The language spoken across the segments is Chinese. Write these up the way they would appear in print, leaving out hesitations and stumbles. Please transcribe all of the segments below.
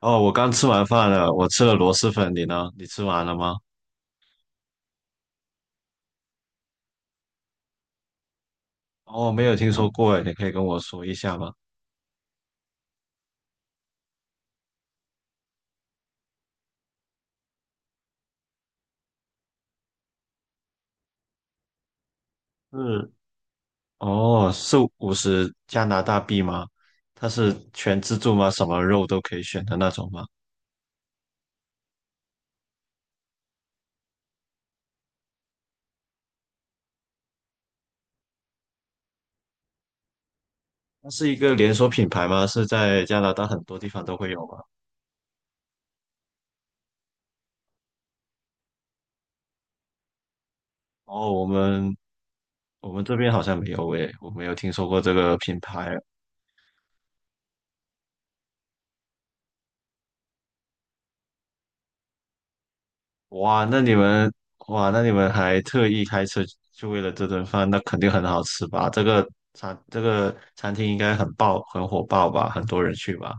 哦，我刚吃完饭了，我吃了螺蛳粉，你呢？你吃完了吗？哦，没有听说过诶，你可以跟我说一下吗？是，哦，是50加拿大币吗？它是全自助吗？什么肉都可以选的那种吗？它是一个连锁品牌吗？是在加拿大很多地方都会有吗？哦，我们这边好像没有诶，我没有听说过这个品牌。哇，那你们哇，那你们还特意开车就为了这顿饭，那肯定很好吃吧？这个餐厅应该很爆，很火爆吧？很多人去吧？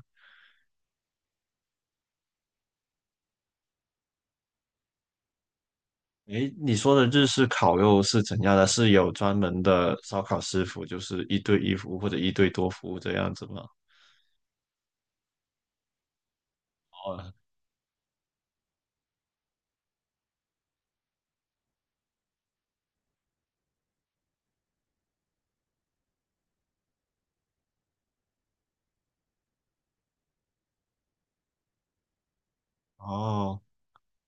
诶，你说的日式烤肉是怎样的？是有专门的烧烤师傅，就是一对一服务或者一对多服务这样子吗？哦哦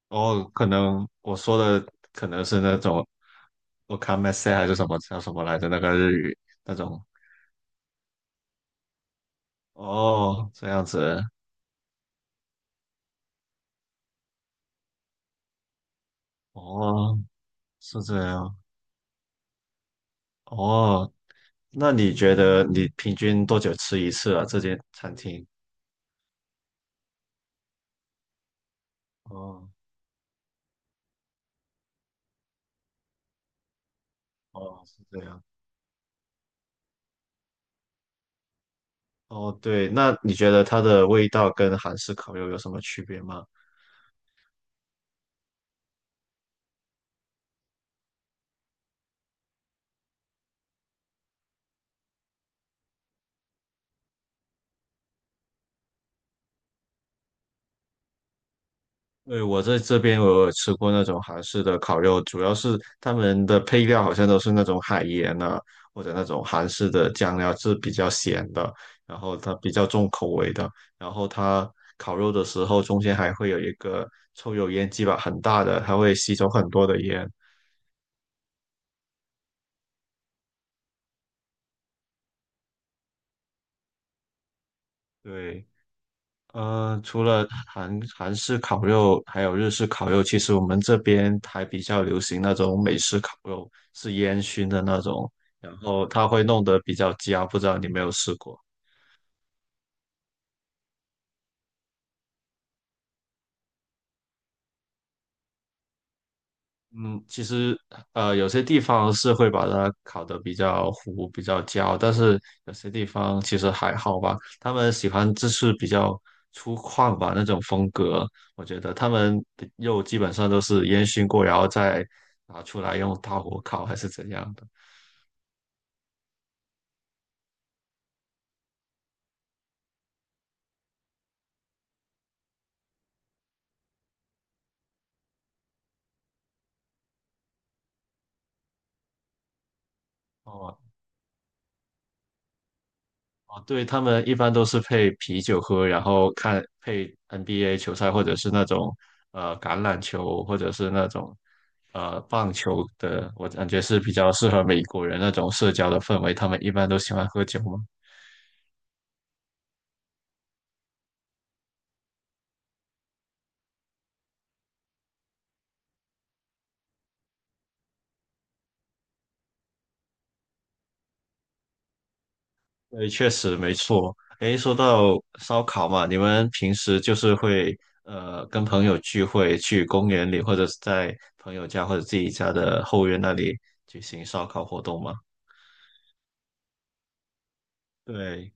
哦，可能我说的可能是那种 o m a k 还是什么叫什么来着？那个日语那种哦，这样子哦。是这样哦。那你觉得你平均多久吃一次啊？这间餐厅？哦哦，是这样。哦，对，那你觉得它的味道跟韩式烤肉有什么区别吗？对，我在这边我有吃过那种韩式的烤肉，主要是他们的配料好像都是那种海盐啊，或者那种韩式的酱料是比较咸的，然后它比较重口味的，然后它烤肉的时候中间还会有一个抽油烟机吧，很大的，它会吸走很多的烟。对，除了韩式烤肉，还有日式烤肉，其实我们这边还比较流行那种美式烤肉，是烟熏的那种，然后它会弄得比较焦，不知道你有没有试过？嗯，其实有些地方是会把它烤得比较糊、比较焦，但是有些地方其实还好吧。他们喜欢就是比较粗犷吧那种风格，我觉得他们的肉基本上都是烟熏过，然后再拿出来用大火烤还是怎样的。哦，哦，对，他们一般都是配啤酒喝，然后看配 NBA 球赛，或者是那种橄榄球，或者是那种棒球的。我感觉是比较适合美国人那种社交的氛围，他们一般都喜欢喝酒嘛。对，确实没错。诶，说到烧烤嘛，你们平时就是会跟朋友聚会，去公园里，或者是在朋友家或者自己家的后院那里举行烧烤活动吗？对，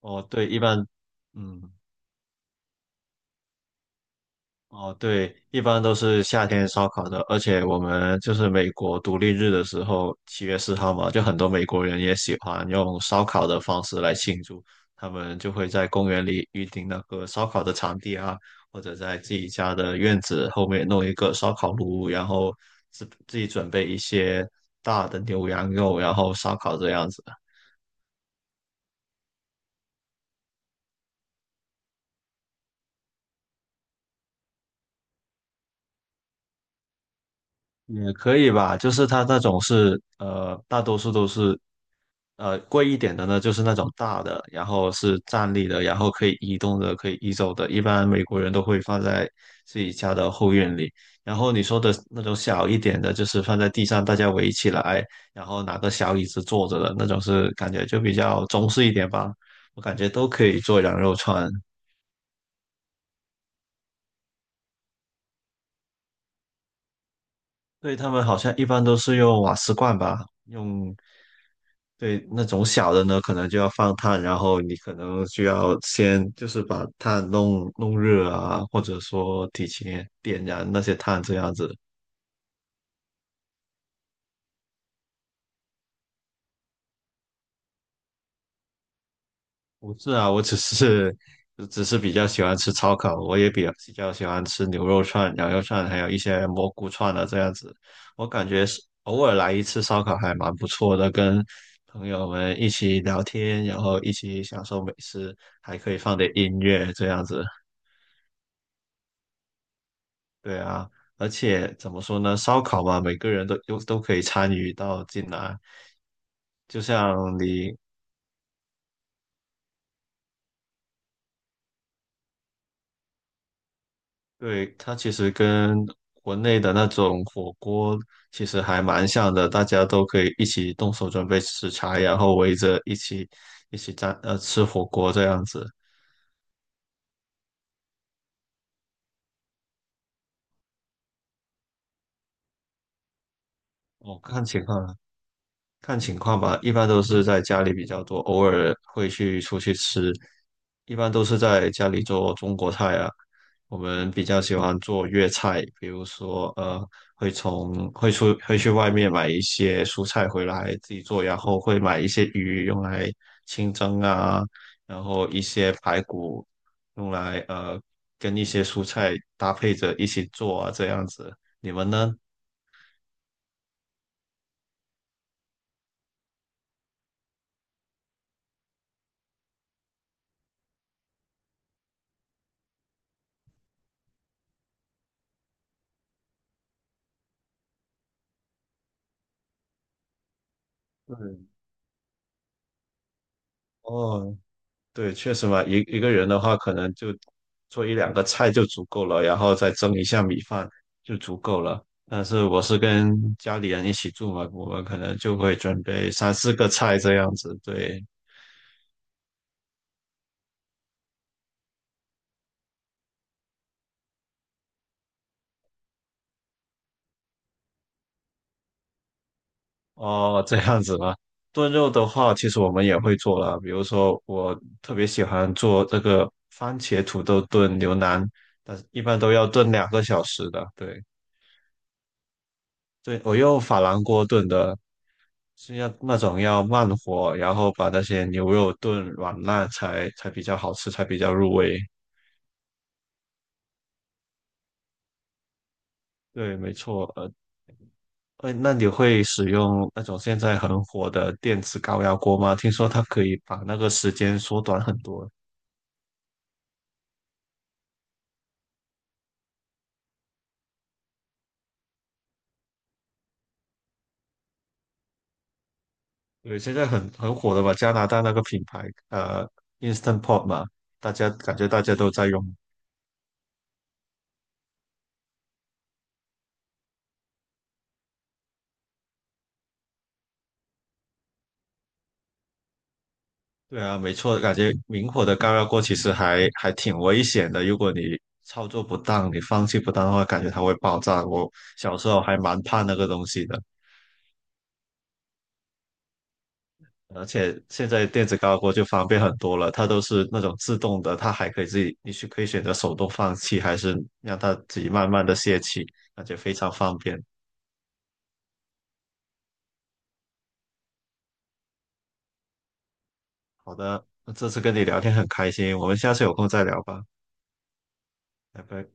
哦，对，一般。嗯，哦，对，一般都是夏天烧烤的，而且我们就是美国独立日的时候，7月4号嘛，就很多美国人也喜欢用烧烤的方式来庆祝，他们就会在公园里预定那个烧烤的场地啊，或者在自己家的院子后面弄一个烧烤炉，然后自己准备一些大的牛羊肉，然后烧烤这样子。也可以吧，就是它那种是大多数都是贵一点的呢，就是那种大的，然后是站立的，然后可以移动的，可以移走的。一般美国人都会放在自己家的后院里。然后你说的那种小一点的，就是放在地上，大家围起来，然后拿个小椅子坐着的那种，是感觉就比较中式一点吧。我感觉都可以做羊肉串。对，他们好像一般都是用瓦斯罐吧，用，对，那种小的呢，可能就要放炭，然后你可能就要先就是把炭弄弄热啊，或者说提前点燃那些炭这样子，不是啊，我只是只是比较喜欢吃烧烤，我也比较喜欢吃牛肉串、羊肉串，还有一些蘑菇串啊，这样子。我感觉是偶尔来一次烧烤还蛮不错的，跟朋友们一起聊天，然后一起享受美食，还可以放点音乐这样子。对啊，而且怎么说呢，烧烤嘛，每个人都可以参与到进来。就像你对，它其实跟国内的那种火锅其实还蛮像的，大家都可以一起动手准备食材，然后围着一起在吃火锅这样子。哦，看情况。看情况吧，一般都是在家里比较多，偶尔会去出去吃，一般都是在家里做中国菜啊。我们比较喜欢做粤菜，比如说会从会出会去外面买一些蔬菜回来自己做，然后会买一些鱼用来清蒸啊，然后一些排骨用来跟一些蔬菜搭配着一起做啊，这样子。你们呢？对，哦，对，确实嘛，一个人的话，可能就做一两个菜就足够了，然后再蒸一下米饭就足够了。但是我是跟家里人一起住嘛，我们可能就会准备三四个菜这样子。对，哦，这样子吗？炖肉的话，其实我们也会做了，比如说我特别喜欢做这个番茄土豆炖牛腩，但是一般都要炖2个小时的。对，对，我用珐琅锅炖的，是要那种要慢火，然后把那些牛肉炖软烂才比较好吃，才比较入味。对，没错。那你会使用那种现在很火的电子高压锅吗？听说它可以把那个时间缩短很多。对，现在很火的吧？加拿大那个品牌，呃，Instant Pot 嘛，大家感觉大家都在用。对啊，没错，感觉明火的高压锅其实还挺危险的。如果你操作不当，你放气不当的话，感觉它会爆炸。我小时候还蛮怕那个东西的，而且现在电子高压锅就方便很多了，它都是那种自动的，它还可以自己，你是可以选择手动放气，还是让它自己慢慢的泄气，感觉非常方便。好的，那这次跟你聊天很开心，我们下次有空再聊吧，拜拜。